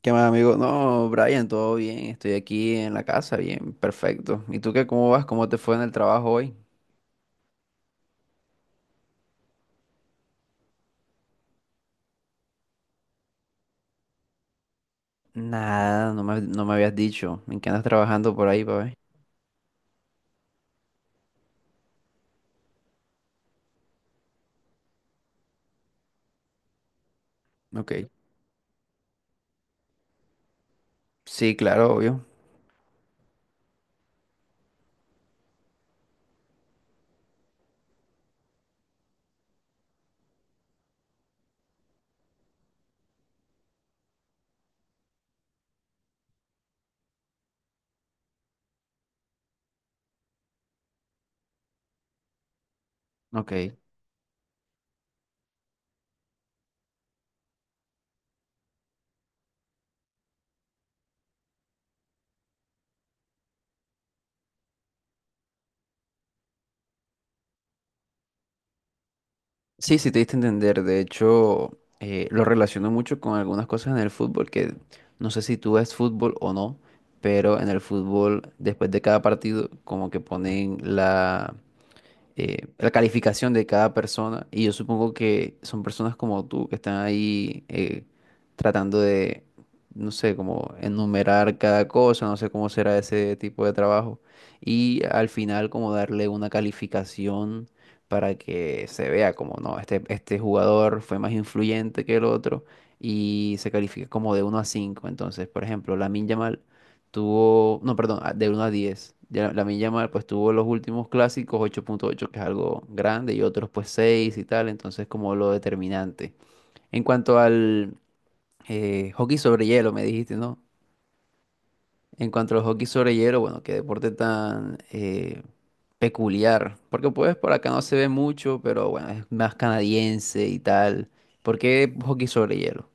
¿Qué más, amigo? No, Brian, todo bien. Estoy aquí en la casa, bien, perfecto. ¿Y tú qué? ¿Cómo vas? ¿Cómo te fue en el trabajo hoy? Nada, no me habías dicho. ¿En qué andas trabajando por ahí, papá? Ok. Sí, claro, obvio. Ok. Sí, sí, te diste a entender. De hecho, lo relaciono mucho con algunas cosas en el fútbol, que no sé si tú ves fútbol o no, pero en el fútbol, después de cada partido, como que ponen la calificación de cada persona. Y yo supongo que son personas como tú que están ahí tratando de, no sé, como enumerar cada cosa, no sé cómo será ese tipo de trabajo. Y al final como darle una calificación para que se vea como, no, este jugador fue más influyente que el otro y se califica como de uno a cinco. Entonces, por ejemplo, Lamine Yamal No, perdón, de uno a 10. Ya la Yamal pues tuvo los últimos clásicos 8.8, que es algo grande, y otros pues 6 y tal, entonces como lo determinante. En cuanto al hockey sobre hielo, me dijiste, ¿no? En cuanto al hockey sobre hielo, bueno, qué deporte tan peculiar, porque pues por acá no se ve mucho, pero bueno, es más canadiense y tal. ¿Por qué hockey sobre hielo?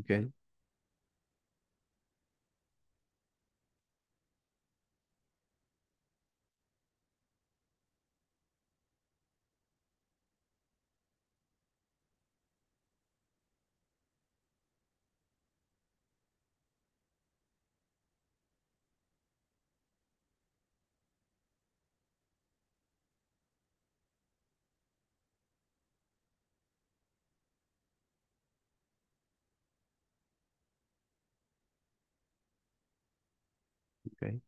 Okay, ok.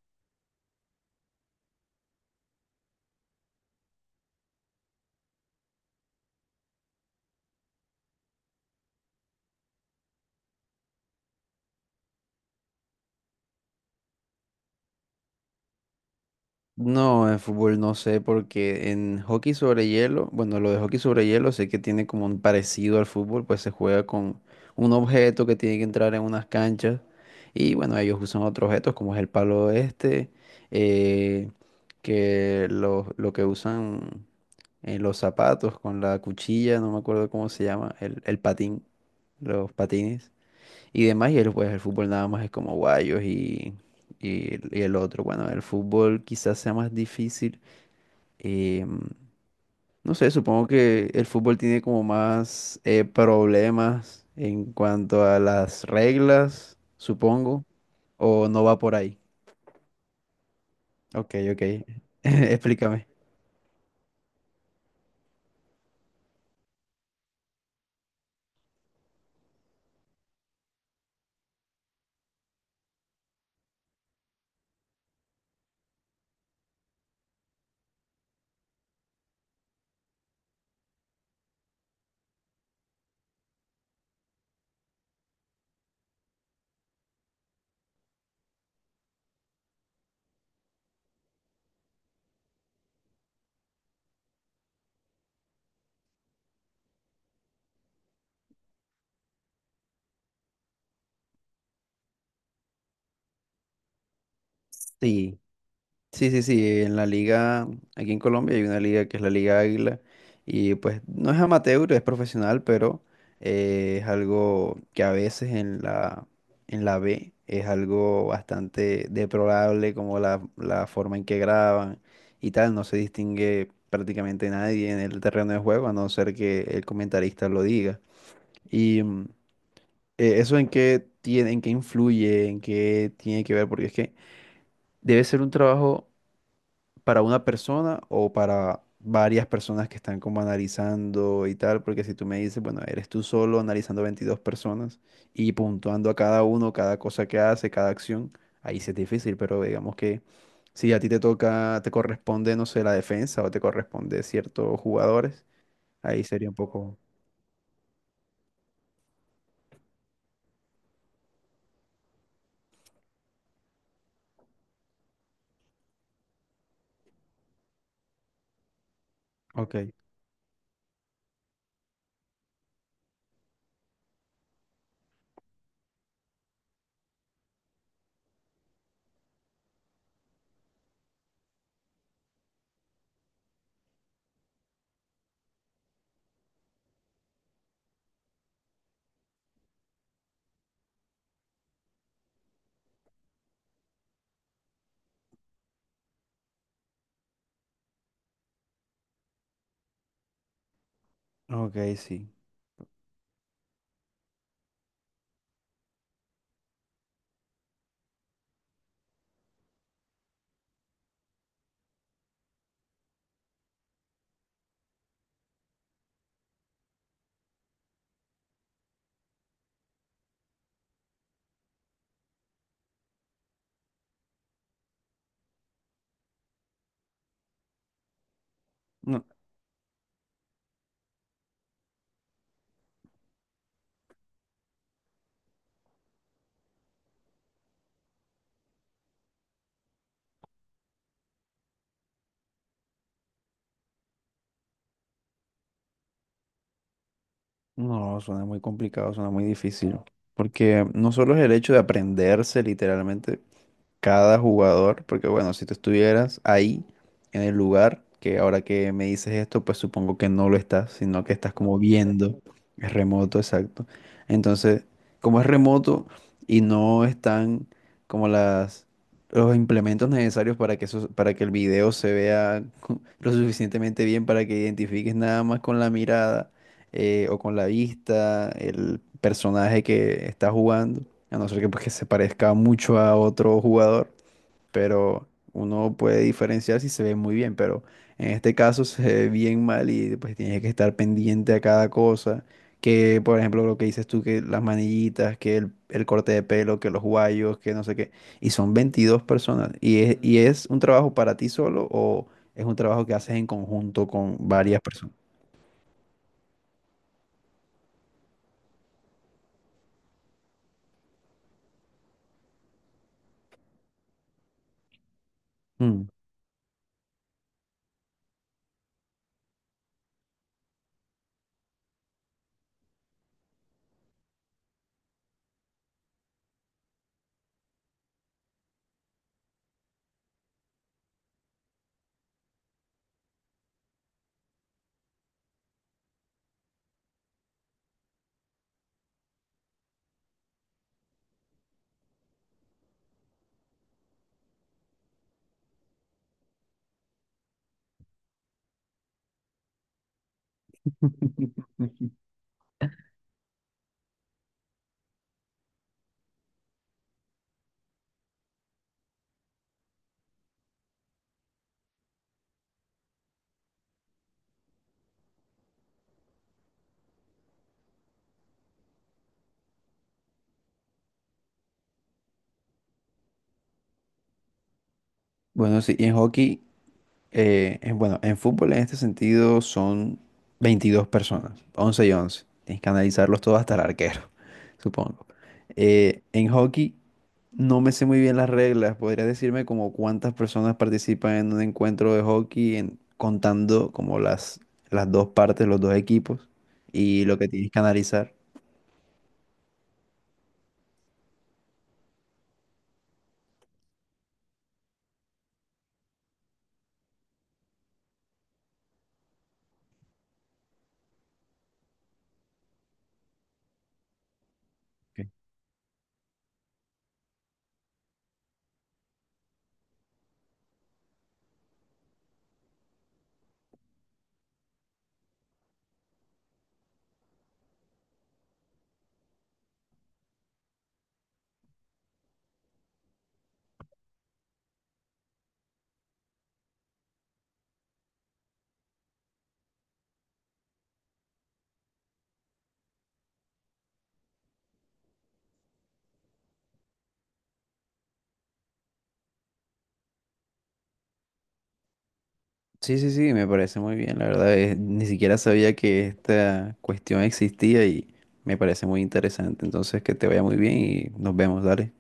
No, en fútbol no sé, porque en hockey sobre hielo, bueno, lo de hockey sobre hielo sé que tiene como un parecido al fútbol, pues se juega con un objeto que tiene que entrar en unas canchas y bueno, ellos usan otros objetos como es el palo este, eh, que lo que usan en los zapatos con la cuchilla, no me acuerdo cómo se llama, el patín, los patines y demás, y, el, pues, el fútbol nada más es como guayos y el y el otro. Bueno, el fútbol quizás sea más difícil. eh, no sé, supongo que el fútbol tiene como más problemas en cuanto a las reglas, supongo, o no va por ahí. Ok, ok. Explícame. Sí. Sí, sí, sí, en la liga, aquí en Colombia hay una liga que es la Liga Águila y pues no es amateur, es profesional, pero es algo que a veces en la B es algo bastante deplorable como la forma en que graban y tal, no se distingue prácticamente nadie en el terreno de juego a no ser que el comentarista lo diga. Y mm, Eso en qué tiene, en qué influye, en qué tiene que ver, porque es que debe ser un trabajo para una persona o para varias personas que están como analizando y tal, porque si tú me dices, bueno, eres tú solo analizando 22 personas y puntuando a cada uno, cada cosa que hace, cada acción, ahí sí es difícil, pero digamos que si a ti te toca, te corresponde, no sé, la defensa o te corresponde ciertos jugadores, ahí sería un poco... Ok, ok, sí. No, no, suena muy complicado, suena muy difícil. Porque no solo es el hecho de aprenderse literalmente, cada jugador, porque bueno, si tú estuvieras ahí en el lugar, que ahora que me dices esto, pues supongo que no lo estás, sino que estás como viendo, es remoto, exacto. Entonces, como es remoto y no están como las los implementos necesarios para que eso, para que el video se vea lo suficientemente bien para que identifiques nada más con la mirada o con la vista, el personaje que está jugando, a no ser que, pues, que se parezca mucho a otro jugador, pero uno puede diferenciar si se ve muy bien, pero en este caso se ve bien mal y pues tienes que estar pendiente a cada cosa, que por ejemplo lo que dices tú, que las manillitas, que el corte de pelo, que los guayos, que no sé qué, y son 22 personas, y es un trabajo para ti solo o es un trabajo que haces en conjunto con varias personas. Mm. Bueno, sí, y en hockey, bueno, en fútbol en este sentido son 22 personas, 11 y 11. Tienes que analizarlos todos hasta el arquero, supongo. En hockey no me sé muy bien las reglas. ¿Podrías decirme como cuántas personas participan en un encuentro de hockey, contando como las dos partes, los dos equipos y lo que tienes que analizar? Sí, sí, sí, me parece muy bien, la verdad. Ni siquiera sabía que esta cuestión existía y me parece muy interesante. Entonces, que te vaya muy bien y nos vemos, dale.